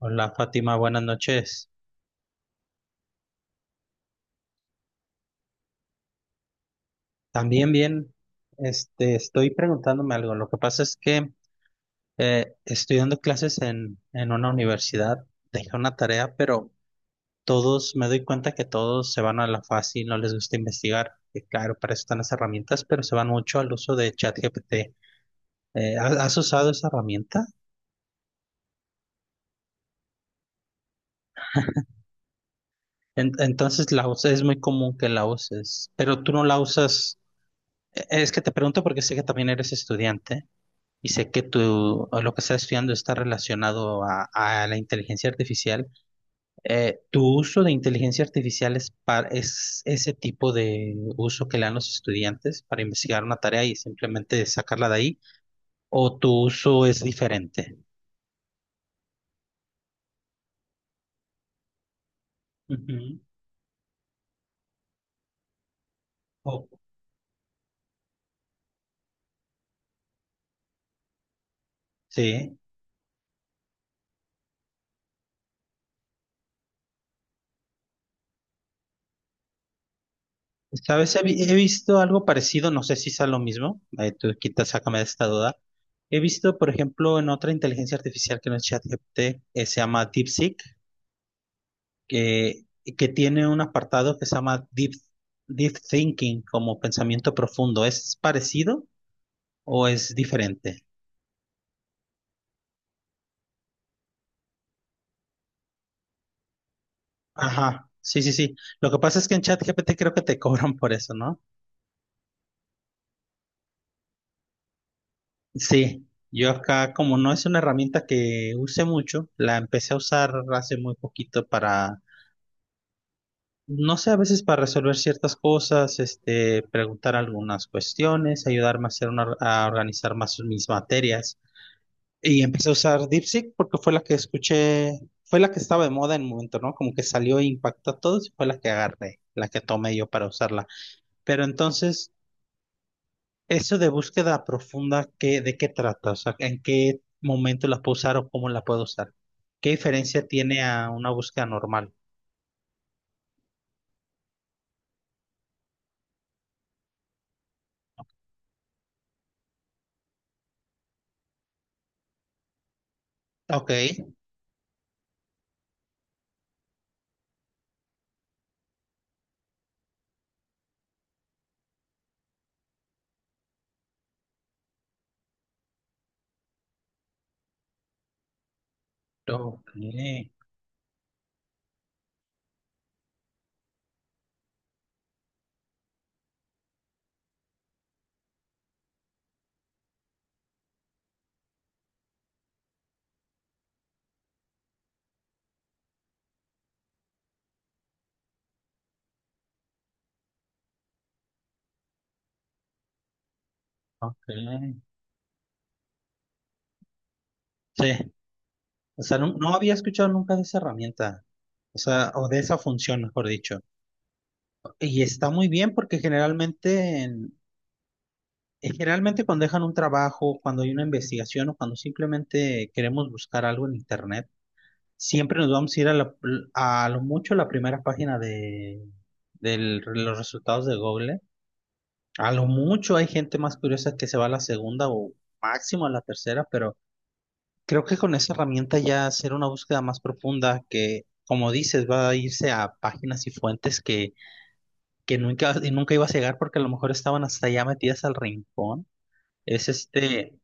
Hola Fátima, buenas noches. También bien, estoy preguntándome algo. Lo que pasa es que estoy dando clases en una universidad, dejé una tarea, pero todos, me doy cuenta que todos se van a la fácil, no les gusta investigar. Que claro, para eso están las herramientas, pero se van mucho al uso de ChatGPT. ¿Has usado esa herramienta? Entonces la usas, es muy común que la uses, pero tú no la usas. Es que te pregunto porque sé que también eres estudiante. Y sé que tú, o lo que estás estudiando está relacionado a la inteligencia artificial. ¿Tu uso de inteligencia artificial es ese tipo de uso que le dan los estudiantes para investigar una tarea y simplemente sacarla de ahí? ¿O tu uso es diferente? Ujú. O- sí. ¿Sabes? He visto algo parecido, no sé si sea lo mismo. Tú quita, sácame de esta duda. He visto, por ejemplo, en otra inteligencia artificial que no es ChatGPT, se llama DeepSeek que, que tiene un apartado que se llama Deep Thinking, como pensamiento profundo. ¿Es parecido o es diferente? Ajá, sí, sí, sí. Lo que pasa es que en ChatGPT creo que te cobran por eso, ¿no? Sí, yo acá como no es una herramienta que use mucho, la empecé a usar hace muy poquito para, no sé, a veces para resolver ciertas cosas, preguntar algunas cuestiones, ayudarme a a organizar más mis materias. Y empecé a usar DeepSeek porque fue la que escuché, fue la que estaba de moda en un momento, ¿no? Como que salió e impactó a todos y fue la que agarré, la que tomé yo para usarla. Pero entonces, eso de búsqueda profunda, ¿de qué trata? O sea, ¿en qué momento la puedo usar o cómo la puedo usar? ¿Qué diferencia tiene a una búsqueda normal? Ok, ok, ok. Sí, o sea, no había escuchado nunca de esa herramienta, o sea, o de esa función, mejor dicho. Y está muy bien porque generalmente cuando dejan un trabajo, cuando hay una investigación o cuando simplemente queremos buscar algo en internet, siempre nos vamos a ir a lo mucho la primera página de, los resultados de Google. A lo mucho hay gente más curiosa que se va a la segunda o máximo a la tercera, pero creo que con esa herramienta ya hacer una búsqueda más profunda que, como dices, va a irse a páginas y fuentes que nunca ibas a llegar porque a lo mejor estaban hasta ya metidas al rincón. Es este...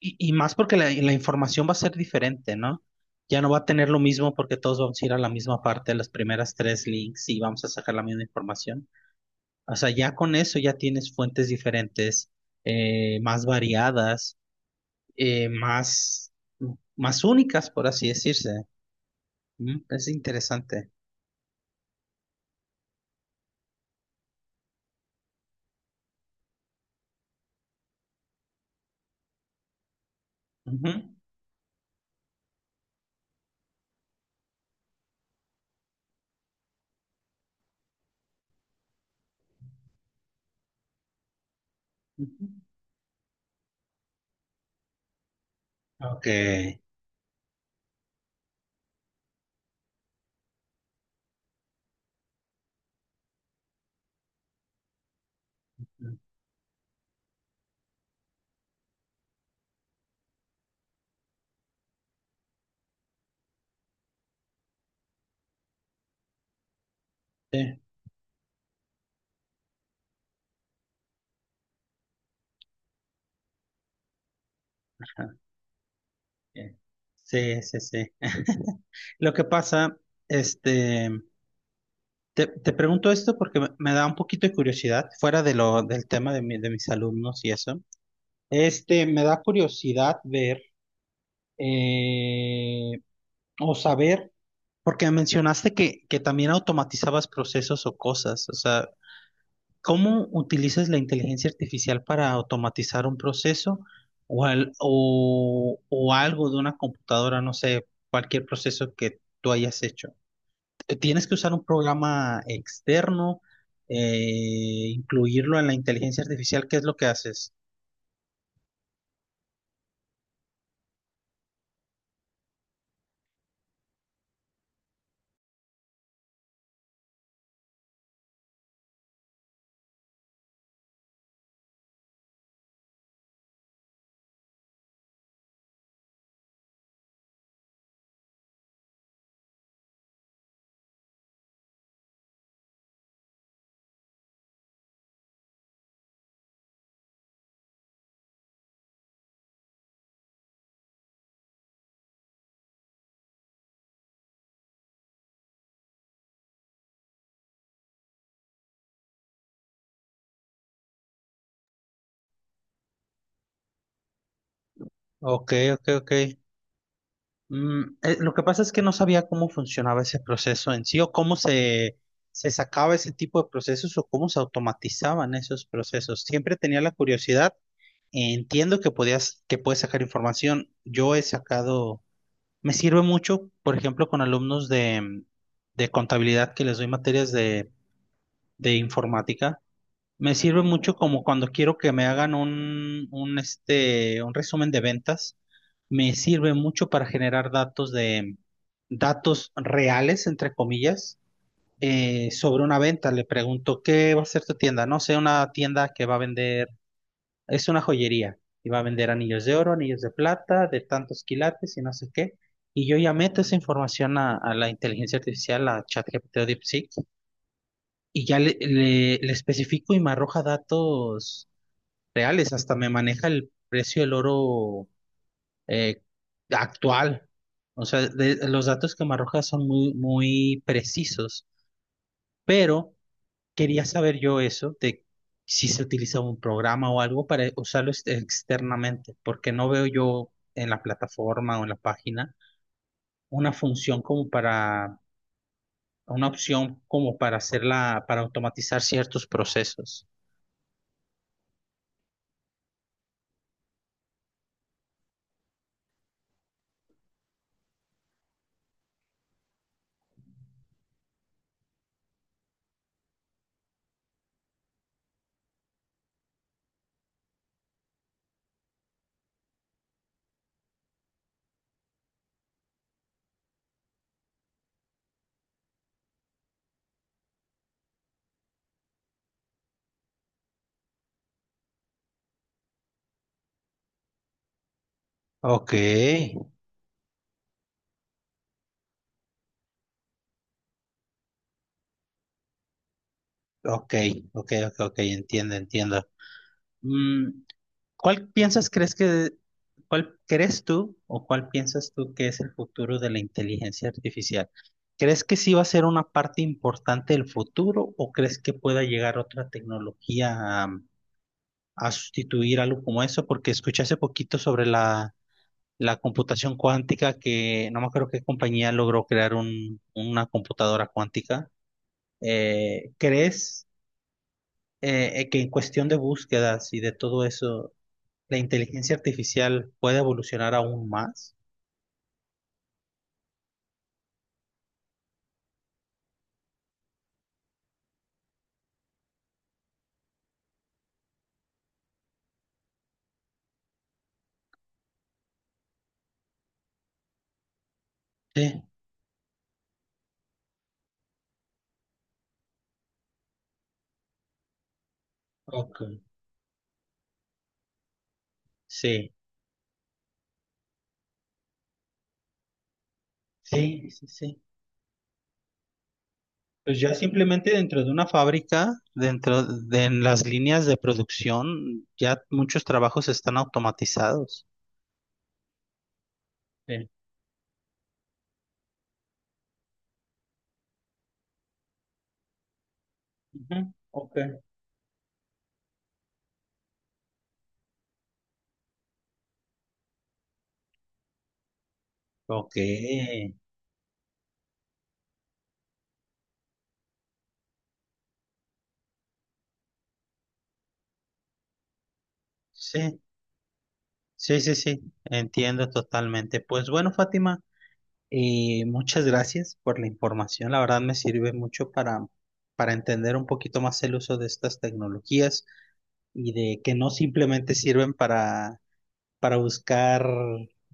Y más porque la información va a ser diferente, ¿no? Ya no va a tener lo mismo porque todos vamos a ir a la misma parte, las primeras tres links y vamos a sacar la misma información. O sea, ya con eso ya tienes fuentes diferentes, más variadas, eh, más, más únicas, por así decirse. Es interesante. Ujú, ujú. Ok. Sí, ajá, ok. Sí, sí. Sí. Lo que pasa, este, te, te pregunto esto porque me da un poquito de curiosidad, fuera de lo, del tema de, mi- de mis alumnos y eso. Este, me da curiosidad ver eh, o saber, porque mencionaste que también automatizabas procesos o cosas. O sea, ¿cómo utilizas la inteligencia artificial para automatizar un proceso o algo de una computadora, no sé, cualquier proceso que tú hayas hecho? Tienes que usar un programa externo, incluirlo en la inteligencia artificial. ¿Qué es lo que haces? Ok, ok, ok. Lo que pasa es que no sabía cómo funcionaba ese proceso en sí o cómo se sacaba ese tipo de procesos o cómo se automatizaban esos procesos. Siempre tenía la curiosidad. Entiendo que podías, que puedes sacar información. Yo he sacado, me sirve mucho, por ejemplo, con alumnos de contabilidad que les doy materias de informática. Me sirve mucho como cuando quiero que me hagan un resumen de ventas. Me sirve mucho para generar datos de datos reales, entre comillas, sobre una venta. Le pregunto, ¿qué va a ser tu tienda? No sé, una tienda que va a vender, es una joyería y va a vender anillos de oro, anillos de plata, de tantos quilates y no sé qué. Y yo ya meto esa información a la inteligencia artificial, a ChatGPT o DeepSeek, y ya le especifico y me arroja datos reales, hasta me maneja el precio del oro eh, actual. O sea, los datos que me arroja son muy, muy precisos, pero quería saber yo eso de si se utiliza un programa o algo para usarlo externamente, porque no veo yo en la plataforma o en la página una función como para, una opción como para hacerla, para automatizar ciertos procesos. Ok, ok, ok, ok, ok, entiendo, entiendo. Mm, ¿Cuál piensas, crees que, cuál crees tú o cuál piensas tú que es el futuro de la inteligencia artificial? ¿Crees que sí va a ser una parte importante del futuro o crees que pueda llegar otra tecnología a sustituir algo como eso? Porque escuché hace poquito sobre la computación cuántica que no me acuerdo qué compañía logró crear una computadora cuántica. ¿Crees que en cuestión de búsquedas y de todo eso, la inteligencia artificial puede evolucionar aún más? Sí, ok. Sí, sí, sí, sí. Pues ya simplemente dentro de una fábrica, dentro de en las líneas de producción, ya muchos trabajos están automatizados. Sí. Ujú, ok. Ok. Sí, sí, sí, sí. Entiendo totalmente. Pues bueno, Fátima, muchas gracias por la información. La verdad me sirve mucho para entender un poquito más el uso de estas tecnologías. Y de que no simplemente sirven para buscar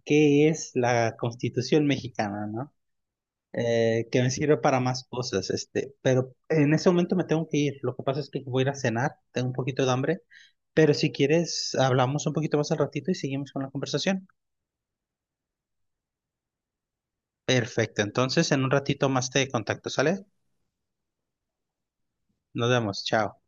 qué es la Constitución mexicana, ¿no? Que me sirve para más cosas, este, pero en ese momento me tengo que ir. Lo que pasa es que voy a ir a cenar, tengo un poquito de hambre, pero si quieres, hablamos un poquito más al ratito y seguimos con la conversación. Perfecto, entonces en un ratito más te contacto, ¿sale? Nos vemos, chao.